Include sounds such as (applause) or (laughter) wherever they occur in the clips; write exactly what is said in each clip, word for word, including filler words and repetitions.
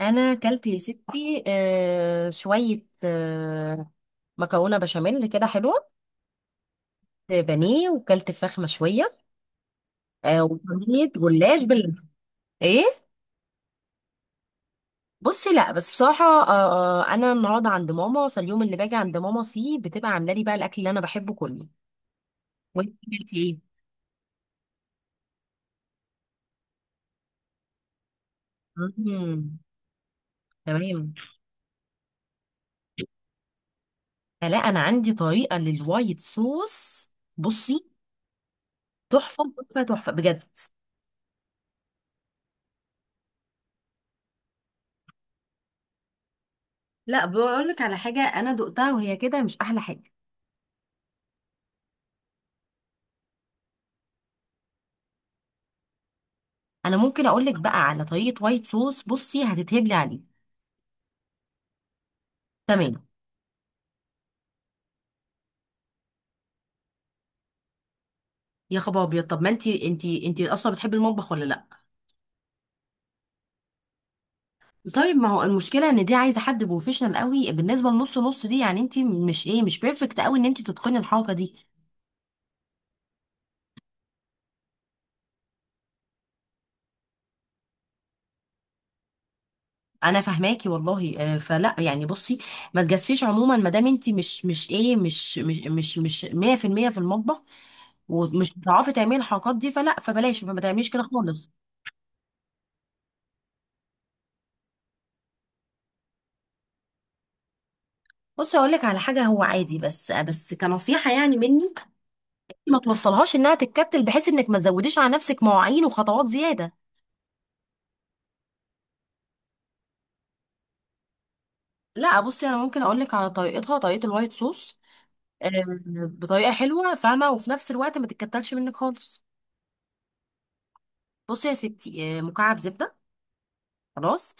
انا اكلت يا ستي، آه شويه، آه مكرونه بشاميل كده حلوه. بانيه، وكلت فراخ مشويه، آه وصينيه جلاش بال ايه. بصي، لا بس بصراحه آه آه، انا النهارده عند ماما، فاليوم اللي باجي عند ماما فيه بتبقى عامله لي بقى الاكل اللي انا بحبه كله. وانت اكلتي ايه؟ مم. تمام. فلا انا عندي طريقه للوايت صوص. بصي تحفه تحفه تحفه بجد. لا بقول لك على حاجه، انا دقتها وهي كده مش احلى حاجه. انا ممكن اقول لك بقى على طريقه وايت صوص، بصي هتتهبلي عليه. تمام. يا خبر ابيض، طب ما انت انت انت اصلا بتحبي المطبخ ولا لا؟ طيب ما هو المشكله ان دي عايزه حد بروفيشنال قوي، بالنسبه لنص نص دي، يعني انت مش ايه، مش بيرفكت قوي ان انت تتقني الحركه دي. انا فاهماكي والله آه، فلا يعني بصي، ما تجازفيش عموما ما دام انت مش مش ايه مش مش مش مش مية في المية في المية في المطبخ، ومش بتعرفي تعملي الحركات دي، فلا فبلاش فما تعمليش كده خالص. بصي اقول لك على حاجه، هو عادي بس بس كنصيحه يعني مني، ما توصلهاش انها تتكتل، بحيث انك ما تزوديش على نفسك مواعين وخطوات زياده. لا بصي، انا ممكن اقول لك على طريقتها، طريقه الوايت صوص. آه، بطريقه حلوه فاهمه، وفي نفس الوقت ما تتكتلش منك خالص. بصي يا ستي آه، مكعب زبده. خلاص.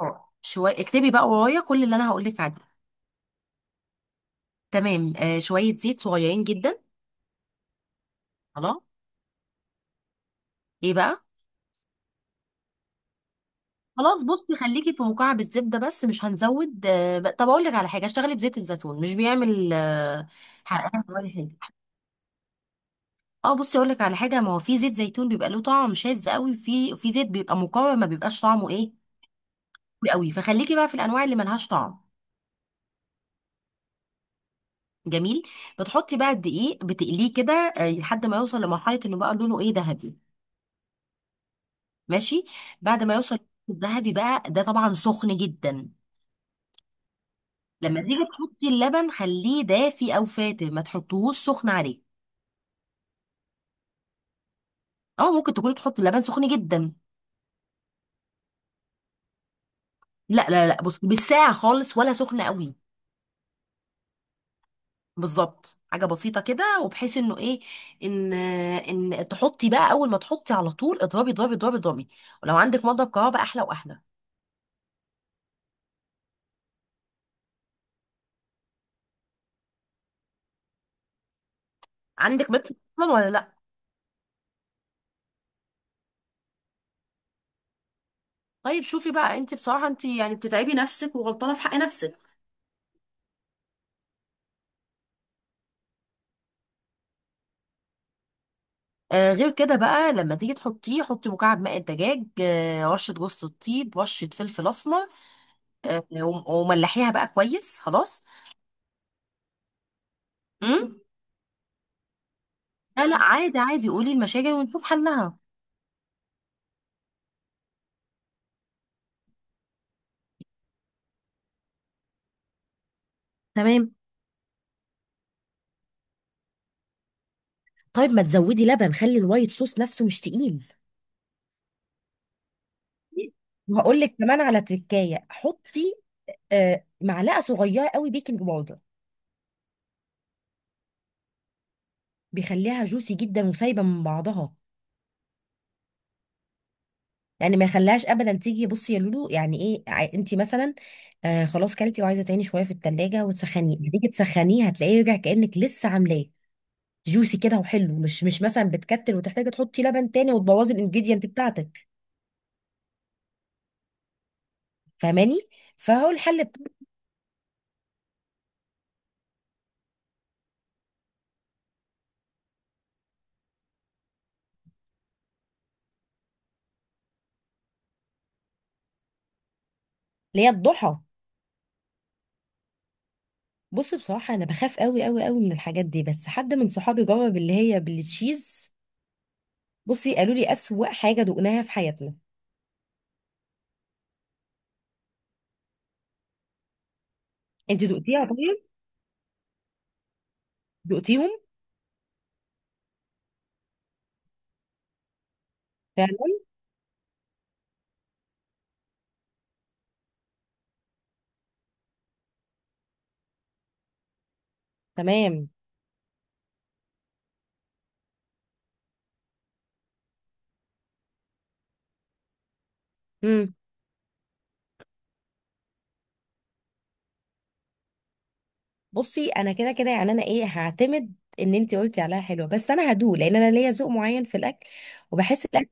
آه، شويه، اكتبي بقى ورايا كل اللي انا هقول لك عليه. تمام. آه، شويه زيت صغيرين جدا. خلاص. ايه بقى. خلاص بصي، خليكي في مكعب الزبده بس، مش هنزود. آه، ب- طب اقول لك على حاجه، اشتغلي بزيت الزيتون، مش بيعمل آه، حرقان ولا حاجه. اه بصي، اقول لك على حاجه، ما هو في زيت زيتون بيبقى له طعم شاذ قوي، وفي في زيت بيبقى مقاوم ما بيبقاش طعمه ايه قوي، فخليكي بقى في الانواع اللي ملهاش طعم. جميل. بتحطي بقى الدقيق، بتقليه كده آه، لحد ما يوصل لمرحله انه بقى لونه ايه، ذهبي. ماشي. بعد ما يوصل الذهبي بقى ده، طبعا سخن جدا. لما تيجي تحطي اللبن، خليه دافي او فاتر، ما تحطيهوش سخن عليه، او ممكن تكوني تحطي اللبن سخن جدا. لا لا لا بصي، بالساعه خالص ولا سخن قوي. بالظبط، حاجه بسيطه كده، وبحيث انه ايه، ان ان تحطي بقى، اول ما تحطي على طول اضربي اضربي اضربي اضربي، ولو عندك مضرب كهرباء احلى واحلى. عندك متر اصلا ولا لا؟ طيب شوفي بقى، انت بصراحه، انت يعني بتتعبي نفسك وغلطانه في حق نفسك. آه، غير كده بقى لما تيجي تحطيه، حطي مكعب ماء الدجاج، آه رشه جوز الطيب، رشه فلفل اسمر، آه وم- وملحيها بقى كويس. خلاص. امم. لا لا عادي عادي، قولي المشاكل ونشوف حلها. تمام. طيب ما تزودي لبن، خلي الوايت صوص نفسه مش تقيل. وهقول لك كمان على تركايه، حطي آه، معلقه صغيره قوي بيكنج باودر. بيخليها جوسي جدا وسايبه من بعضها، يعني ما يخليهاش ابدا تيجي، بصي يا لولو، يعني ايه ع- انت مثلا، آه خلاص كلتي وعايزه تاني شويه في التلاجة وتسخنيه، هتيجي تسخنيه هتلاقيه رجع كانك لسه عاملاه. جوسي كده وحلو، مش مش مثلا بتكتل وتحتاجي تحطي لبن تاني، وتبوظي الانجريدينت بتاعتك. فاهماني. فهو الحل بت- اللي هي الضحى. بص، بصراحة أنا بخاف أوي أوي أوي من الحاجات دي، بس حد من صحابي جرب اللي هي بالتشيز. بصي قالوا لي أسوأ حاجة دقناها في حياتنا. أنت دقتيها طيب؟ دقتيهم؟ فعلا؟ تمام. مم. بصي أنا كده كده يعني، أنا إيه، هعتمد إن أنت قلتي عليها حلوة، بس أنا هدوق لأن أنا ليا ذوق معين في الأكل وبحس الأكل.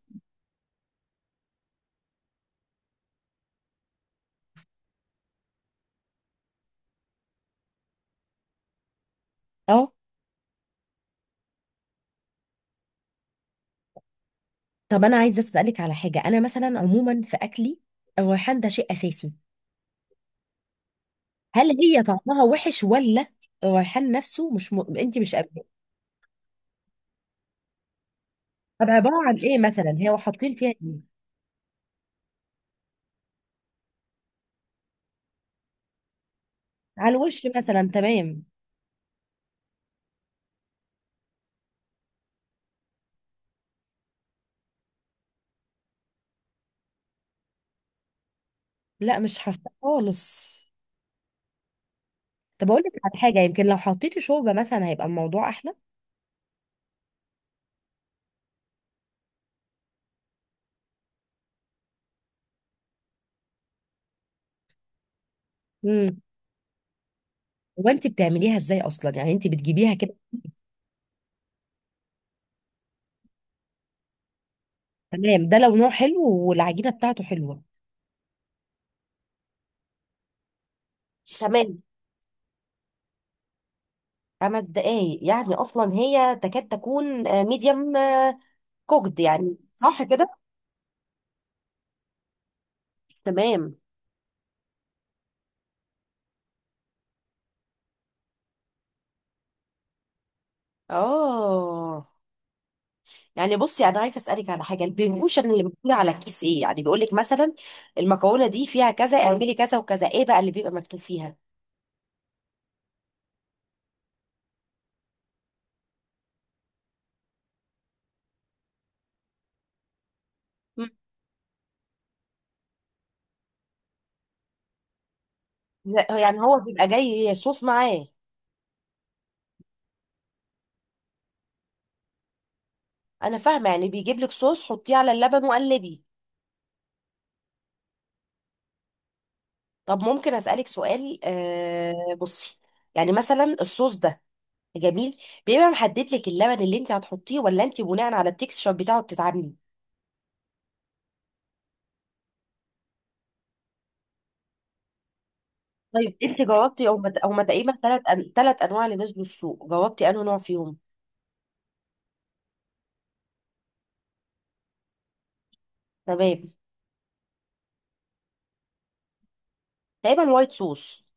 أه. طب أنا عايزة أسألك على حاجة، أنا مثلا عموما في أكلي، الريحان ده شيء أساسي. هل هي طعمها وحش ولا الريحان نفسه مش م... أنت مش. طب عبارة عن ايه مثلا، هي حاطين فيها ايه؟ على الوش مثلا، تمام. لا مش حاسه خالص. طب اقول لك على حاجة، يمكن لو حطيتي شوربة مثلا هيبقى الموضوع احلى. امم. هو انت بتعمليها ازاي اصلا، يعني انت بتجيبيها كده. تمام ده لو نوع حلو والعجينة بتاعته حلوة. تمام. خمس دقايق يعني اصلا هي تكاد تكون ميديم كوكد، يعني صح كده. تمام. اه يعني بصي، انا عايزه اسالك على حاجه، البيهوشن اللي بتقول على الكيس ايه، يعني بيقول لك مثلا المكونه دي فيها كذا، اعملي كذا وكذا، ايه بقى اللي بيبقى مكتوب فيها؟ مم. لا، يعني هو بيبقى جاي صوص معاه. انا فاهمه، يعني بيجيب لك صوص حطيه على اللبن وقلبي. طب ممكن اسالك سؤال آه، بصي يعني مثلا الصوص ده، جميل، بيبقى محدد لك اللبن اللي انت هتحطيه، ولا انت بناء على التكستشر بتاعه بتتعاملي؟ طيب انت جاوبتي او مت... او ما تقريبا ثلاث أن... ثلاث انواع اللي نزلوا السوق، جاوبتي انه نوع فيهم. تمام. تقريبا وايت صوص.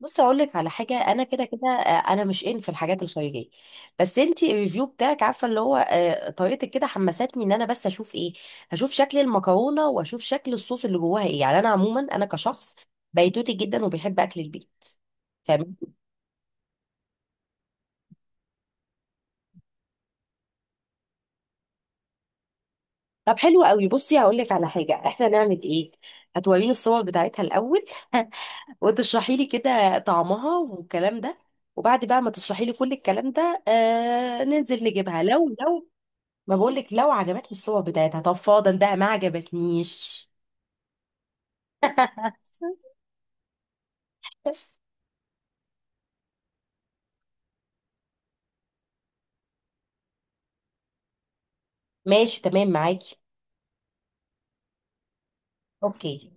بص اقول لك على حاجه، انا كده كده آه، انا مش ان في الحاجات الخارجيه، بس انت الريفيو بتاعك عارفه اللي هو آه، طريقتك كده حمستني ان انا بس اشوف ايه. هشوف شكل المكرونه واشوف شكل الصوص اللي جواها ايه، يعني انا عموما انا كشخص بيتوتي جدا وبيحب اكل البيت. فاهم. طب حلو قوي، بصي هقول لك على حاجه احنا نعمل ايه. هتوريني الصور بتاعتها الاول (laughs) وتشرحي لي كده طعمها والكلام ده، وبعد بقى ما تشرحي لي كل الكلام ده آه، ننزل نجيبها لو لو. ما بقولك لو عجبتني الصور بتاعتها، طب فاضل بقى ما عجبتنيش (laughs) ماشي تمام معاكي. اوكي.